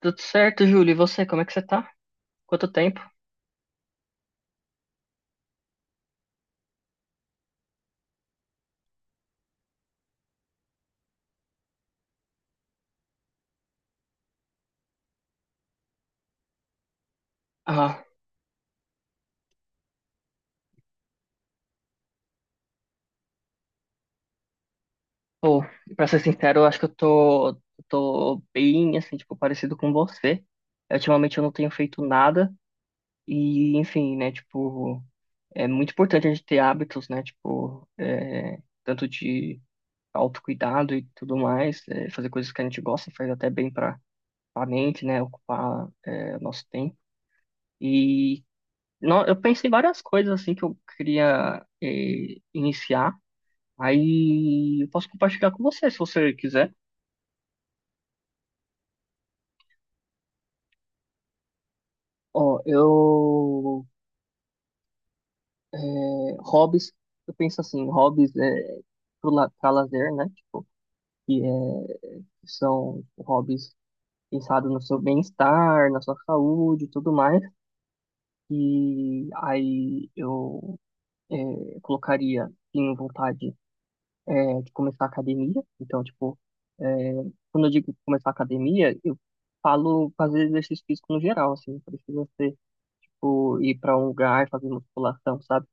Tudo certo, Júlio? E você, como é que você tá? Quanto tempo? Ah, pô, Pra ser sincero, eu acho que eu tô bem, assim, tipo, parecido com você. Ultimamente eu não tenho feito nada e, enfim, né, tipo, é muito importante a gente ter hábitos, né, tipo, tanto de autocuidado e tudo mais, fazer coisas que a gente gosta faz até bem para a mente, né? Ocupar nosso tempo. E eu pensei várias coisas assim que eu queria iniciar. Aí eu posso compartilhar com você, se você quiser. Ó, eu é, hobbies, eu penso assim, hobbies é para lazer, né? Tipo, que é, são hobbies pensados no seu bem-estar, na sua saúde, e tudo mais. E aí eu colocaria tenho vontade de começar a academia. Então, tipo, é, quando eu digo começar a academia, eu falo fazer exercício físico no geral, assim, não precisa ser, tipo, ir para um lugar, fazer musculação, sabe?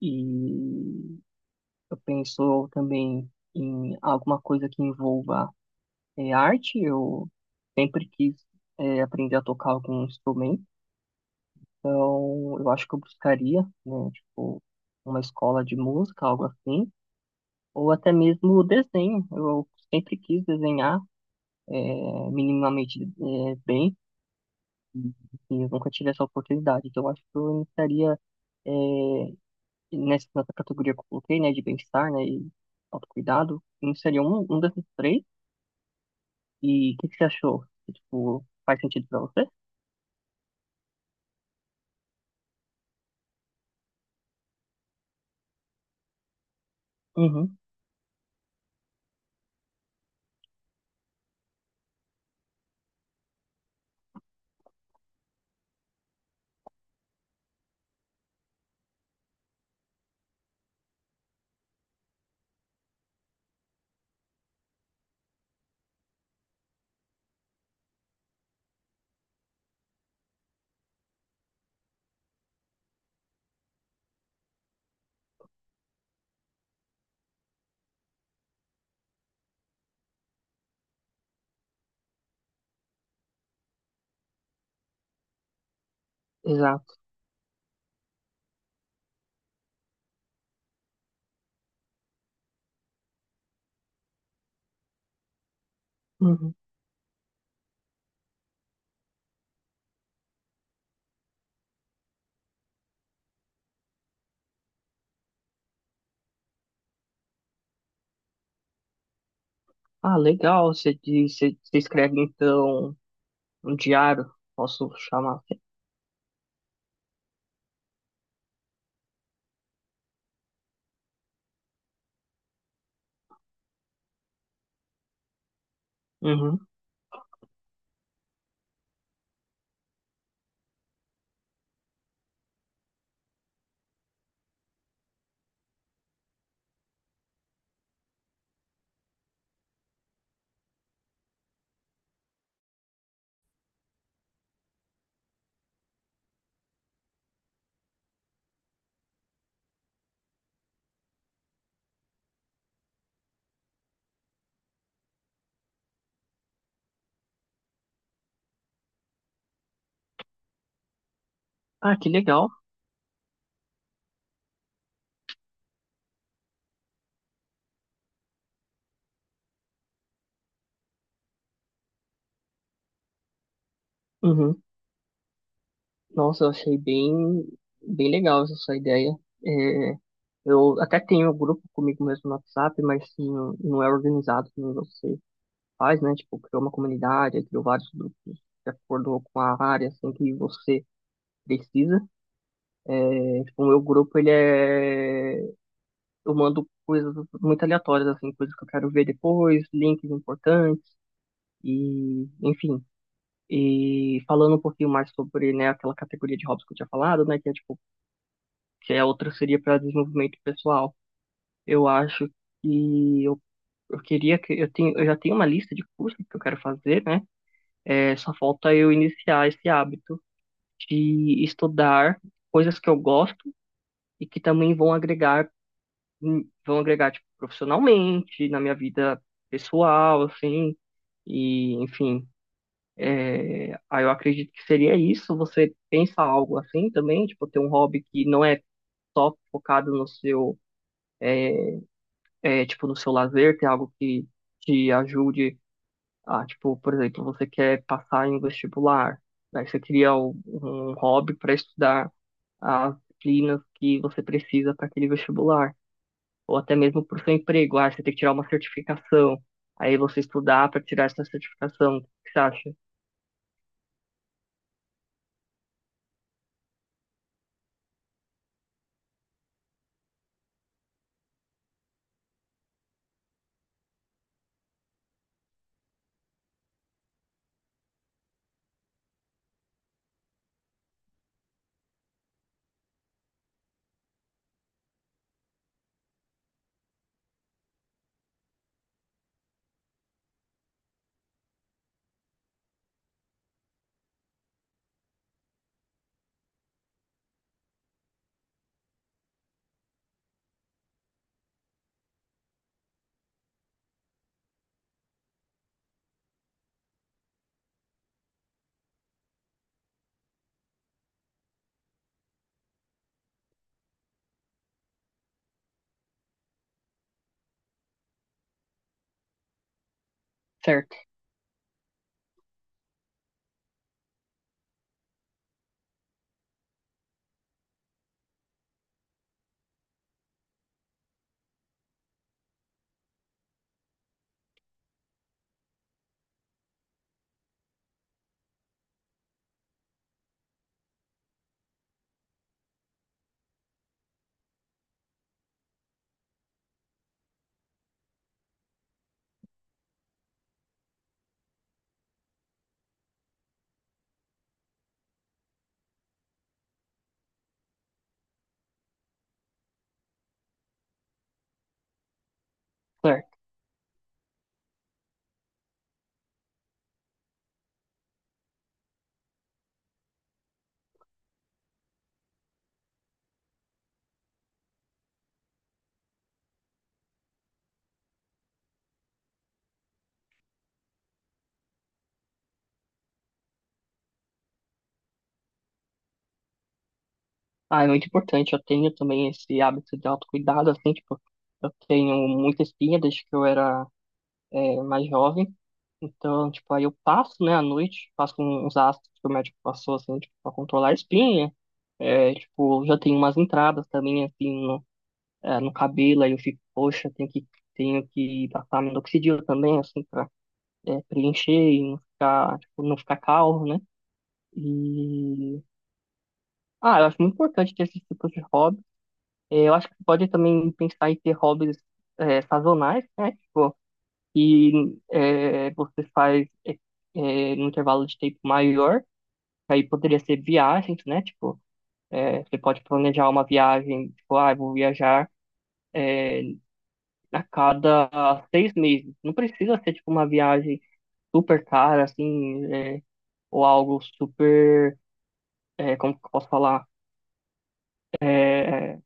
E eu penso também em alguma coisa que envolva arte. Eu sempre quis aprender a tocar algum instrumento, então eu acho que eu buscaria, né, tipo, uma escola de música, algo assim, ou até mesmo o desenho. Eu sempre quis desenhar minimamente bem, e eu nunca tive essa oportunidade. Então, eu acho que eu iniciaria é, nessa categoria que eu coloquei, né, de bem-estar, né, e autocuidado, eu iniciaria um desses três. E o que, que você achou? Tipo, faz sentido pra você? Uhum, exato. Uhum. Ah, legal. Você, você escreve então um diário, posso chamar assim. Uhum. Ah, que legal. Uhum. Nossa, eu achei bem, bem legal essa sua ideia. É, eu até tenho um grupo comigo mesmo no WhatsApp, mas assim, não, não é organizado como você faz, né? Tipo, criou uma comunidade, aí criou vários grupos de acordo com a área, assim, que você precisa. É, tipo, o meu grupo, ele é... Eu mando coisas muito aleatórias, assim, coisas que eu quero ver depois, links importantes e, enfim... E falando um pouquinho mais sobre, né, aquela categoria de hobbies que eu tinha falado, né, que é, tipo, que a outra seria para desenvolvimento pessoal. Eu acho que eu queria que eu tenho, eu já tenho uma lista de cursos que eu quero fazer, né? É, só falta eu iniciar esse hábito de estudar coisas que eu gosto e que também vão agregar tipo, profissionalmente, na minha vida pessoal, assim, e enfim. Aí eu acredito que seria isso. Você pensa algo assim também, tipo, ter um hobby que não é só focado no seu tipo, no seu lazer, ter algo que te ajude a, tipo, por exemplo, você quer passar em um vestibular, daí você cria um hobby para estudar as disciplinas que você precisa para aquele vestibular, ou até mesmo para o seu emprego, ah, você tem que tirar uma certificação, aí você estudar para tirar essa certificação, o que você acha? Certo, certo. Ah, é muito importante, eu tenho também esse hábito de autocuidado, assim, tipo, eu tenho muita espinha desde que eu era mais jovem. Então, tipo, aí eu passo, né, à noite, passo com uns ácidos que o médico passou, assim, tipo, pra controlar a espinha. É, tipo, já tenho umas entradas também, assim, no, no cabelo, aí eu fico, poxa, tenho que passar minoxidil também, assim, pra preencher e não ficar, tipo, não ficar calvo, né? E... Ah, eu acho muito importante ter esse tipo de hobby. É, eu acho que pode também pensar em ter hobbies sazonais, né? Tipo, e você faz no intervalo de tempo maior, aí poderia ser viagens, né? Tipo, você pode planejar uma viagem, tipo, ah, eu vou viajar é, a cada 6 meses. Não precisa ser, tipo, uma viagem super cara, assim, ou algo super, como que eu posso falar? É,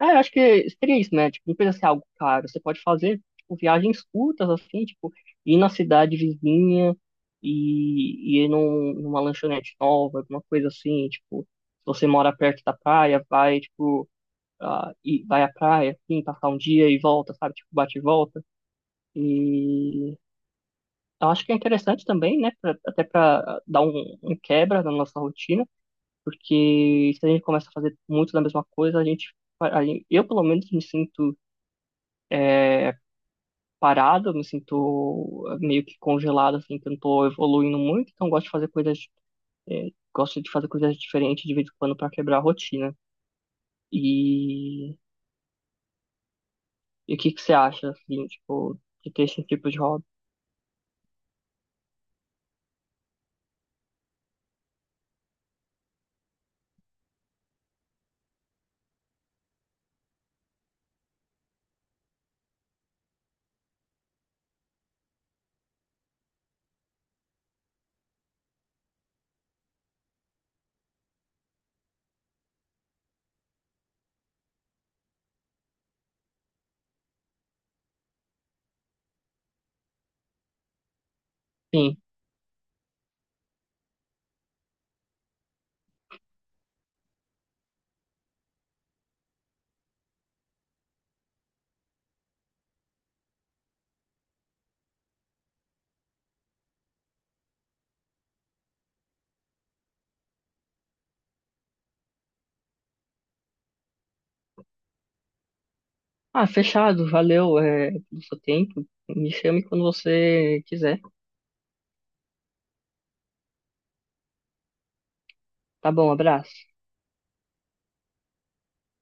Eu acho que seria isso, né? Tipo, não precisa ser algo caro. Você pode fazer, tipo, viagens curtas, assim, tipo, ir na cidade vizinha e ir num, numa lanchonete nova, alguma coisa assim, tipo, se você mora perto da praia, vai, tipo, ah, e vai à praia, assim, passar um dia e volta, sabe? Tipo, bate e volta. E eu acho que é interessante também, né? Até pra dar um, um quebra na nossa rotina, porque se a gente começa a fazer muito da mesma coisa, a gente, eu, pelo menos, me sinto é, parada, me sinto meio que congelado, assim, que eu não tô evoluindo muito, então gosto de fazer coisas, é, gosto de fazer coisas diferentes de vez em quando para quebrar a rotina. E, e o que que você acha, assim, tipo, de ter esse tipo de hobby? Sim. Ah, fechado, valeu, pelo seu tempo. Me chame quando você quiser. Tá bom, abraço.